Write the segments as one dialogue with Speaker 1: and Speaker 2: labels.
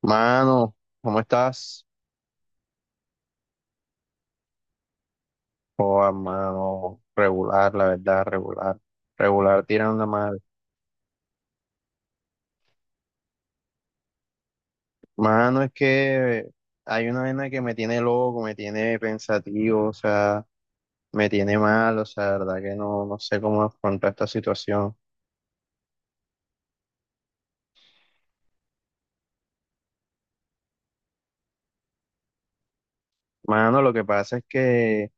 Speaker 1: Mano, ¿cómo estás? Oh, mano, regular, la verdad, regular. Regular tirando mal. Mano, es que hay una vaina que me tiene loco, me tiene pensativo, o sea, me tiene mal, o sea, la verdad que no sé cómo afrontar esta situación. Mano, lo que pasa es que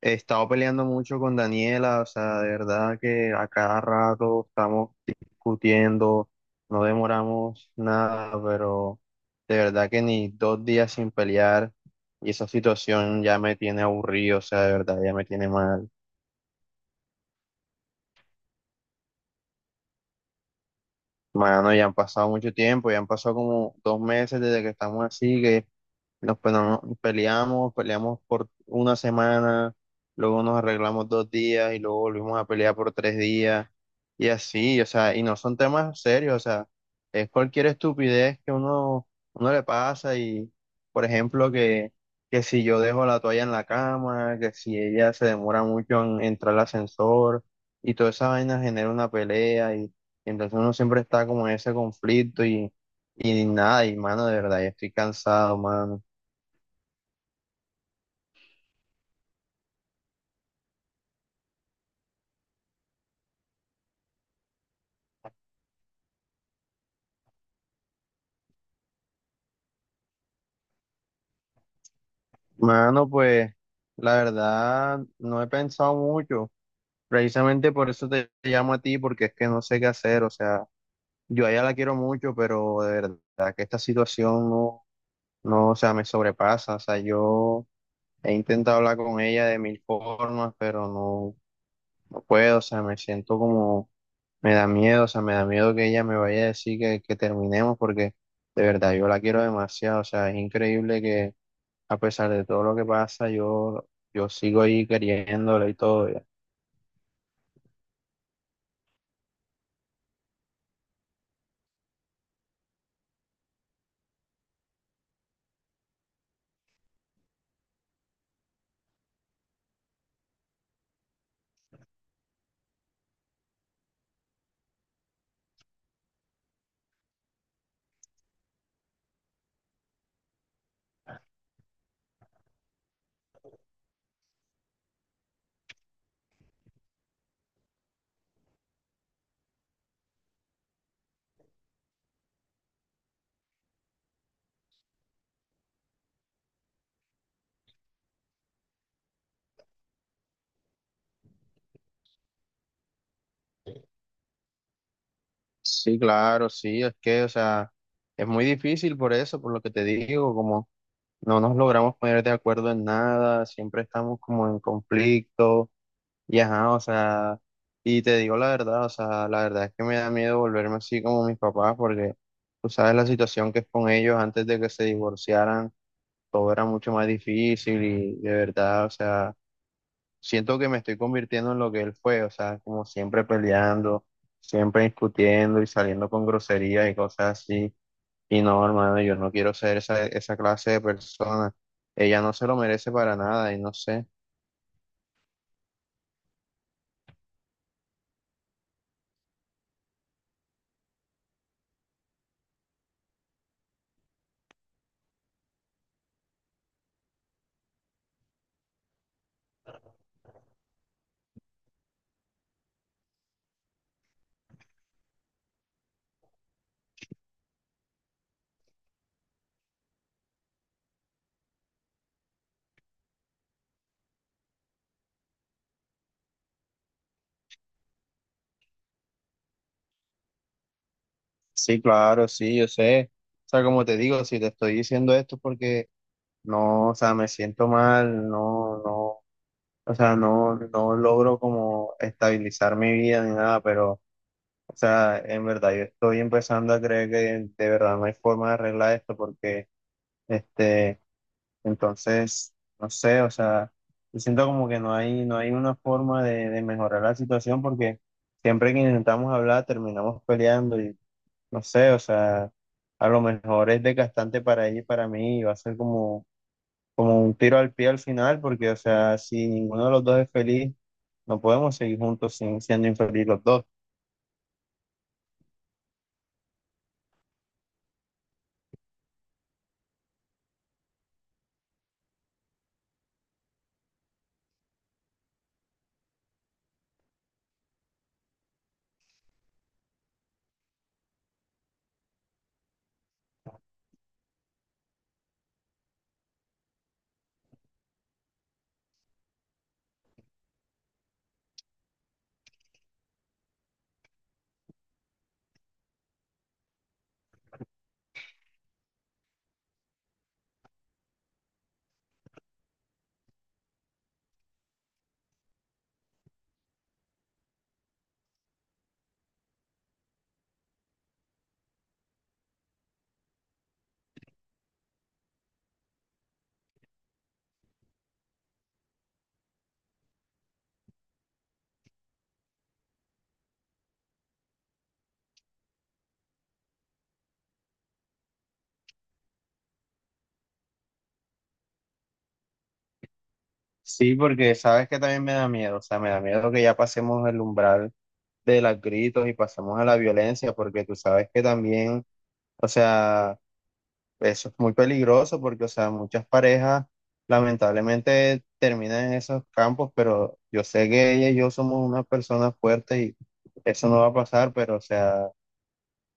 Speaker 1: he estado peleando mucho con Daniela, o sea, de verdad que a cada rato estamos discutiendo, no demoramos nada, pero de verdad que ni dos días sin pelear y esa situación ya me tiene aburrido, o sea, de verdad ya me tiene mal. Mano, ya han pasado mucho tiempo, ya han pasado como dos meses desde que estamos así, que nos pe- no- peleamos, peleamos por una semana, luego nos arreglamos dos días y luego volvimos a pelear por tres días y así, o sea, y no son temas serios, o sea, es cualquier estupidez que uno le pasa y, por ejemplo, que si yo dejo la toalla en la cama, que si ella se demora mucho en entrar al ascensor y toda esa vaina genera una pelea y entonces uno siempre está como en ese conflicto y nada, y mano, de verdad, ya estoy cansado, mano. Mano, pues, la verdad, no he pensado mucho. Precisamente por eso te llamo a ti, porque es que no sé qué hacer. O sea, yo a ella la quiero mucho, pero de verdad que esta situación no, o sea, me sobrepasa. O sea, yo he intentado hablar con ella de mil formas, pero no, no puedo. O sea, me siento como me da miedo, o sea, me da miedo que ella me vaya a decir que terminemos porque de verdad yo la quiero demasiado, o sea, es increíble que a pesar de todo lo que pasa, yo sigo ahí queriéndola y todo. Ya. Sí, claro, sí, es que, o sea, es muy difícil por eso, por lo que te digo, como no nos logramos poner de acuerdo en nada, siempre estamos como en conflicto. Y ajá, o sea, y te digo la verdad, o sea, la verdad es que me da miedo volverme así como mis papás, porque tú sabes la situación que es con ellos antes de que se divorciaran, todo era mucho más difícil y de verdad, o sea, siento que me estoy convirtiendo en lo que él fue, o sea, como siempre peleando, siempre discutiendo y saliendo con groserías y cosas así. Y no, hermano, yo no quiero ser esa clase de persona. Ella no se lo merece para nada y no sé. Sí, claro, sí, yo sé. O sea, como te digo, si te estoy diciendo esto porque no, o sea, me siento mal, no, no, o sea, no, no logro como estabilizar mi vida ni nada, pero, o sea, en verdad yo estoy empezando a creer que de verdad no hay forma de arreglar esto porque, este, entonces, no sé, o sea, yo siento como que no hay una forma de mejorar la situación porque siempre que intentamos hablar terminamos peleando. No sé, o sea, a lo mejor es desgastante para ella y para mí, y va a ser como, como un tiro al pie al final, porque, o sea, si ninguno de los dos es feliz, no podemos seguir juntos sin, siendo infelices los dos. Sí, porque sabes que también me da miedo, o sea, me da miedo que ya pasemos el umbral de los gritos y pasemos a la violencia, porque tú sabes que también, o sea, eso es muy peligroso porque, o sea, muchas parejas lamentablemente terminan en esos campos, pero yo sé que ella y yo somos una persona fuerte y eso no va a pasar, pero, o sea,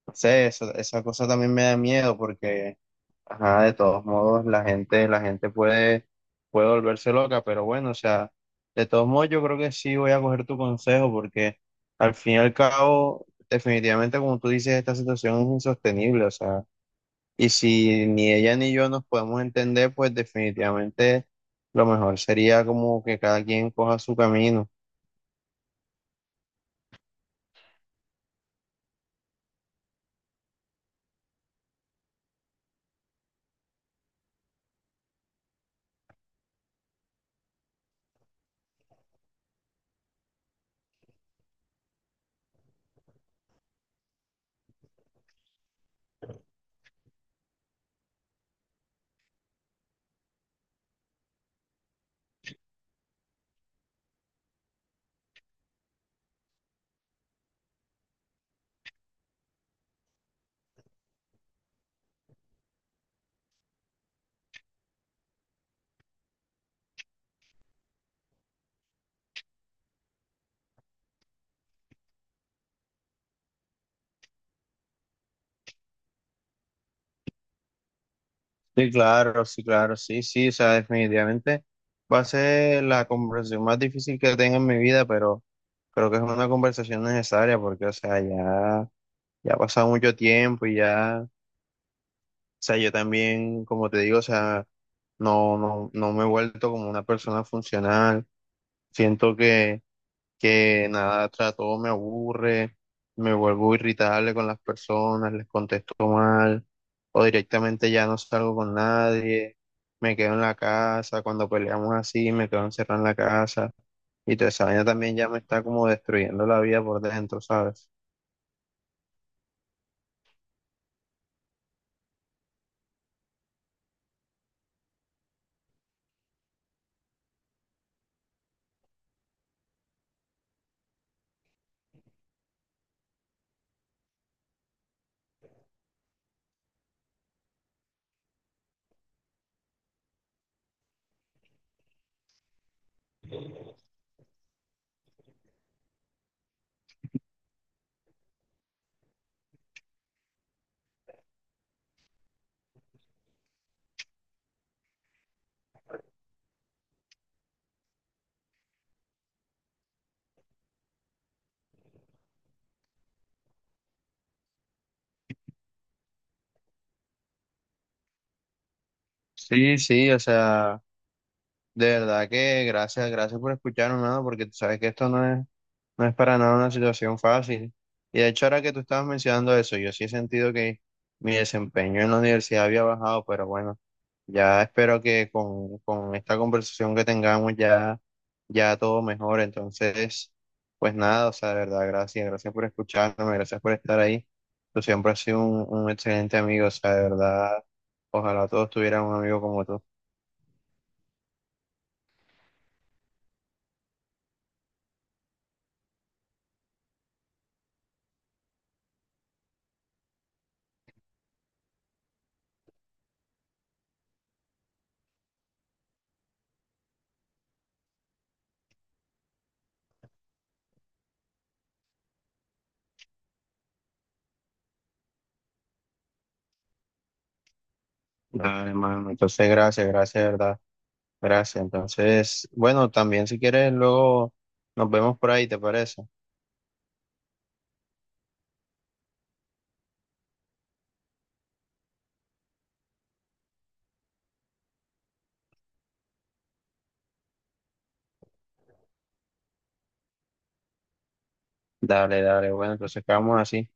Speaker 1: no sé, eso, esa cosa también me da miedo porque, ajá, de todos modos, la gente puede, puede volverse loca, pero bueno, o sea, de todos modos, yo creo que sí voy a coger tu consejo porque al fin y al cabo, definitivamente, como tú dices, esta situación es insostenible, o sea. Y si ni ella ni yo nos podemos entender, pues definitivamente lo mejor sería como que cada quien coja su camino. Sí, claro, sí, claro, sí, sí, o sea, definitivamente va a ser la conversación más difícil que tenga en mi vida, pero creo que es una conversación necesaria porque, o sea, ya, ya ha pasado mucho tiempo y ya, o sea, yo también, como te digo, o sea, no, no, no me he vuelto como una persona funcional. Siento que nada, tras todo me aburre, me vuelvo irritable con las personas, les contesto mal, o directamente ya no salgo con nadie, me quedo en la casa, cuando peleamos así, me quedo encerrado en la casa, y toda esa vaina también ya me está como destruyendo la vida por dentro, ¿sabes? Sí, sí, o sea, de verdad que gracias, gracias por escucharme, mano, porque tú sabes que esto no es, no es para nada una situación fácil. Y de hecho, ahora que tú estabas mencionando eso, yo sí he sentido que mi desempeño en la universidad había bajado, pero bueno, ya espero que con esta conversación que tengamos ya, ya todo mejore. Entonces, pues nada, o sea, de verdad, gracias, gracias por escucharme, gracias por estar ahí. Tú siempre has sido un excelente amigo, o sea, de verdad, ojalá todos tuvieran un amigo como tú. Dale, hermano. Entonces, gracias, gracias, de verdad. Gracias. Entonces, bueno, también si quieres, luego nos vemos por ahí, ¿te parece? Dale, dale. Bueno, entonces quedamos así.